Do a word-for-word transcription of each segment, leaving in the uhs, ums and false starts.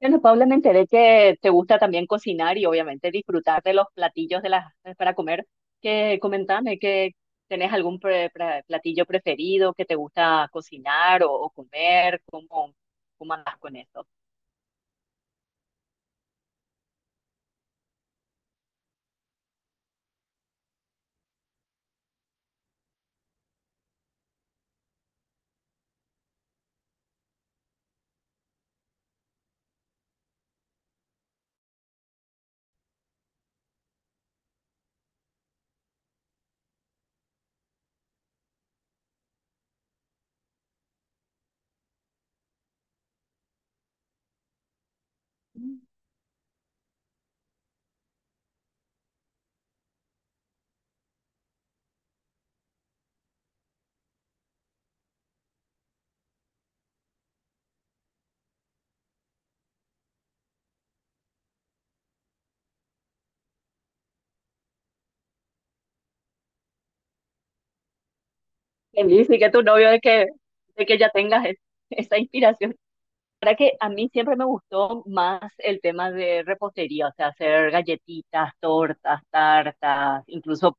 Bueno, Paula, me enteré que te gusta también cocinar y obviamente disfrutar de los platillos de las eh, para comer. Que comentame que tenés algún pre- pre- platillo preferido que te gusta cocinar o, o comer, cómo, cómo andás con eso. Que dice que tu novio de que, de que ya tengas es- esa inspiración. Para que a mí siempre me gustó más el tema de repostería, o sea, hacer galletitas, tortas, tartas, incluso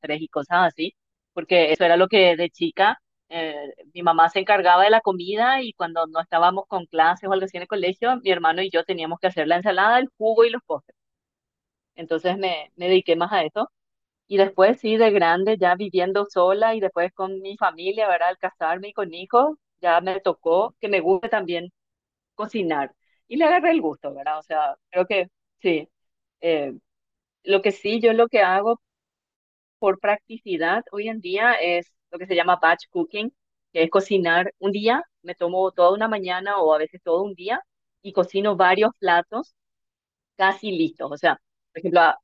tres y cosas así, porque eso era lo que de chica eh, mi mamá se encargaba de la comida y cuando no estábamos con clases o algo así en el colegio, mi hermano y yo teníamos que hacer la ensalada, el jugo y los postres. Entonces me, me dediqué más a eso. Y después sí, de grande, ya viviendo sola y después con mi familia, ¿verdad? Al casarme y con hijos, ya me tocó que me guste también cocinar. Y le agarré el gusto, ¿verdad? O sea, creo que sí. Eh, lo que sí, yo lo que hago practicidad hoy en día es lo que se llama batch cooking, que es cocinar un día, me tomo toda una mañana o a veces todo un día y cocino varios platos casi listos. O sea, por ejemplo, a-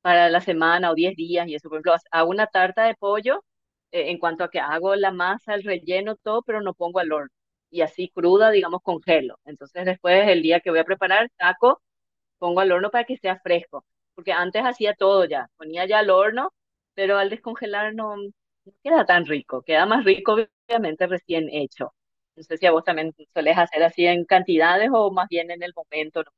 para la semana o diez días y eso, por ejemplo, hago una tarta de pollo eh, en cuanto a que hago la masa, el relleno, todo, pero no pongo al horno. Y así cruda, digamos, congelo. Entonces después el día que voy a preparar, saco pongo al horno para que sea fresco, porque antes hacía todo ya, ponía ya al horno, pero al descongelar no, no queda tan rico, queda más rico obviamente recién hecho. No sé si a vos también solés hacer así en cantidades o más bien en el momento, ¿no?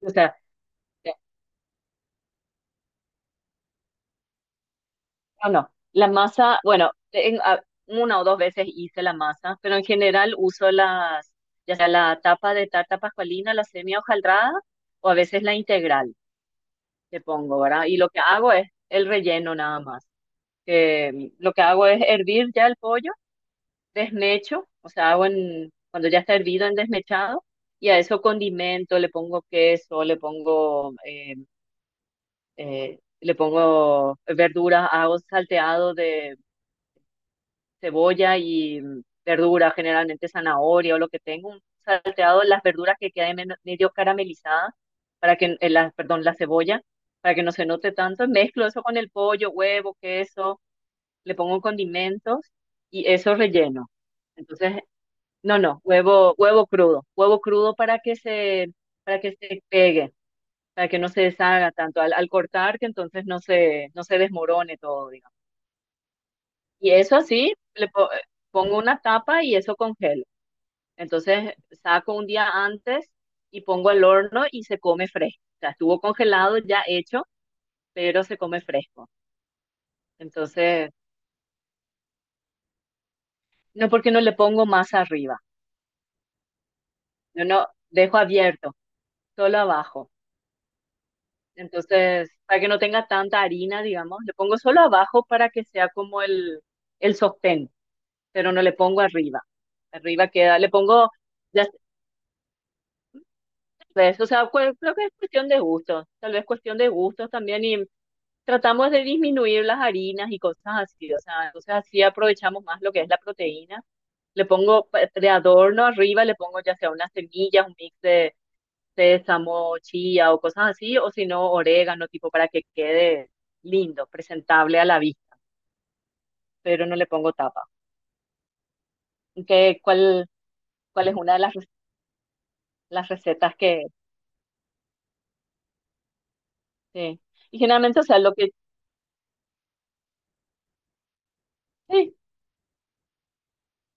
O sea, ya- no, no. La masa, bueno, en- a- una o dos veces hice la masa, pero en general uso las, ya sea la tapa de tarta pascualina, la semia hojaldrada o a veces la integral, te pongo, ¿verdad? Y lo que hago es el relleno nada más. Que lo que hago es hervir ya el pollo, desmecho, o sea, hago en, cuando ya está hervido en desmechado, y a eso condimento, le pongo queso, le pongo, eh, eh, le pongo verduras, hago salteado de cebolla y mm, verdura, generalmente zanahoria o lo que tengo, un salteado las verduras que queden men- medio caramelizadas, para que, eh, la, perdón, la cebolla, para que no se note tanto, mezclo eso con el pollo, huevo, queso le pongo condimentos y eso relleno. Entonces, no, no, huevo, huevo crudo, huevo crudo para que se, para que se pegue, para que no se deshaga tanto al, al cortar, que entonces no se, no se desmorone todo, digamos. Y eso así, le po- pongo una tapa y eso congelo. Entonces, saco un día antes y pongo al horno y se come fresco. O sea, estuvo congelado, ya hecho, pero se come fresco. Entonces, no porque no le pongo más arriba. Yo no dejo abierto solo abajo. Entonces, para que no tenga tanta harina, digamos, le pongo solo abajo para que sea como el, el sostén, pero no le pongo arriba. Arriba queda, le pongo, ya sé, o sea, cu- creo que es cuestión de gustos, tal vez cuestión de gustos también y tratamos de disminuir las harinas y cosas así, o sea, entonces así aprovechamos más lo que es la proteína. Le pongo pa- de adorno arriba, le pongo ya sea unas semillas, un mix sésamo, chía o cosas así, o si no, orégano, tipo para que quede lindo, presentable a la vista, pero no le pongo tapa. ¿Qué, cuál, cuál es una de las, re- las recetas que, sí? Y generalmente, o sea, lo que, sí,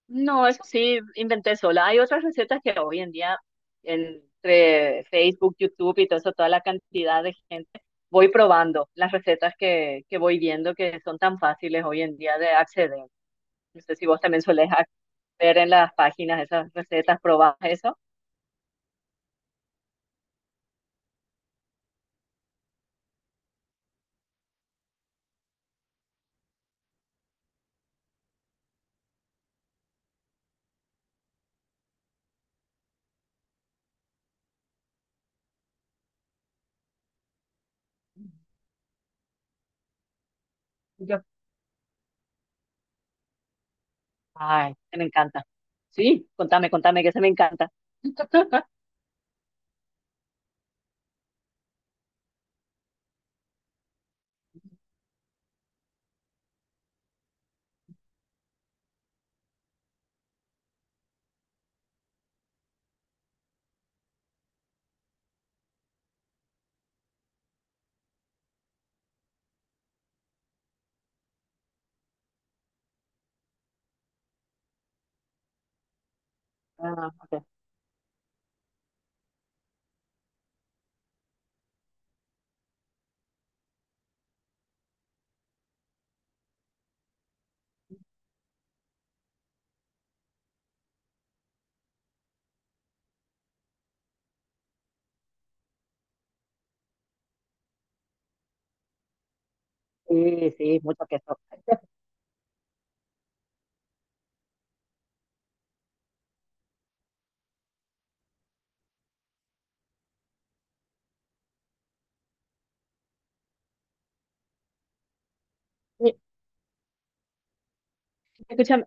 no, eso sí, inventé sola. Hay otras recetas que hoy en día, entre Facebook, YouTube y todo eso, toda la cantidad de gente, voy probando las recetas que, que voy viendo que son tan fáciles hoy en día de acceder. No sé si vos también sueles ac- ver en las páginas esas recetas, probás eso. Y yo, ay, se me encanta. Sí, contame, contame que se me encanta. Ah, ok. Sí, sí, mucho queso. Y, escúchame,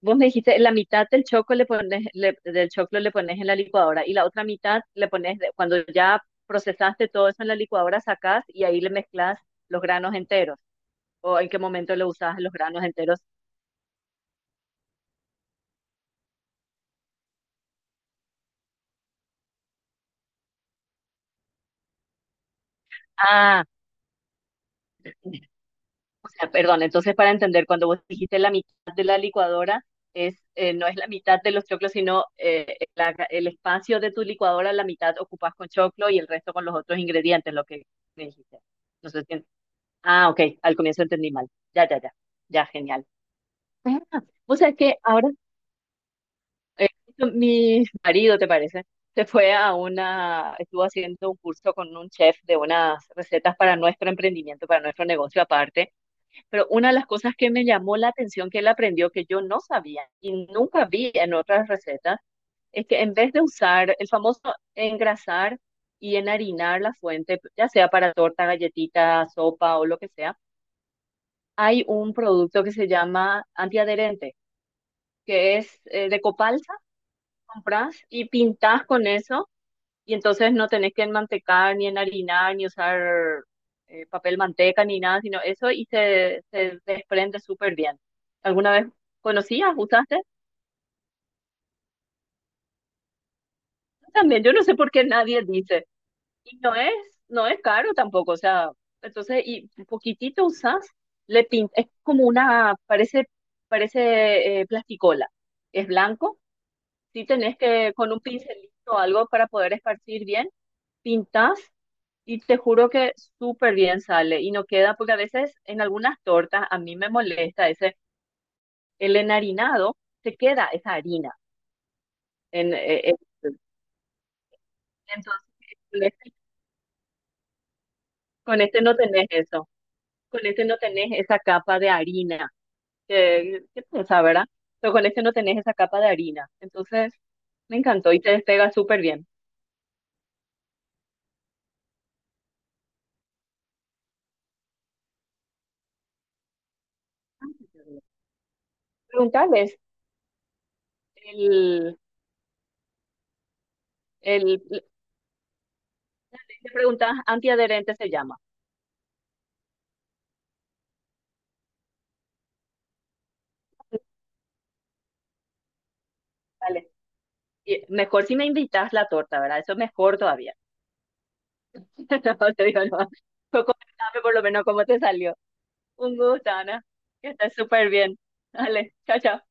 vos me dijiste, la mitad del choco le pones, le- del choclo le pones en la licuadora y la otra mitad le pones, de- cuando ya procesaste todo eso en la licuadora, sacás y ahí le mezclas los granos enteros. ¿O en qué momento le usás los granos enteros? Ah, o sea, perdón, entonces para entender, cuando vos dijiste la mitad de la licuadora, es, eh, no es la mitad de los choclos, sino eh, la- el espacio de tu licuadora, la mitad ocupas con choclo y el resto con los otros ingredientes, lo que me dijiste. No sé si- Ah, ok, al comienzo entendí mal. Ya, ya, ya, ya, genial. Ah, o sea que ahora eh, mi marido, ¿te parece? Se fue a una, estuvo haciendo un curso con un chef de unas recetas para nuestro emprendimiento, para nuestro negocio aparte. Pero una de las cosas que me llamó la atención que él aprendió que yo no sabía y nunca vi en otras recetas es que en vez de usar el famoso engrasar y enharinar la fuente, ya sea para torta, galletita, sopa o lo que sea, hay un producto que se llama antiadherente, que es eh, de copalsa, compras y pintas con eso y entonces no tenés que enmantecar, ni enharinar, ni usar eh, papel manteca, ni nada, sino eso y se, se desprende súper bien. ¿Alguna vez conocías, usaste? También, yo no sé por qué nadie dice. Y no es, no es caro tampoco, o sea, entonces, y un poquitito usas le pintas, es como una, parece, parece eh, plasticola. Es blanco, si tenés que, con un pincelito o algo para poder esparcir bien, pintas. Y te juro que súper bien sale y no queda, porque a veces en algunas tortas a mí me molesta ese, el enharinado, se queda esa harina. En, eh, eh, entonces, con este, con este no tenés eso, con este no tenés esa capa de harina, que, que pesa, ¿verdad? Pero con este no tenés esa capa de harina. Entonces, me encantó y te despega súper bien. Preguntarles, el, el, le preguntas antiadherente se llama. Vale. Y mejor si me invitas la torta, ¿verdad? Eso es mejor todavía. No, te digo, no. Pero comentame por lo menos cómo te salió. Un gusto, Ana. Que estés súper bien. Dale, chao, chao.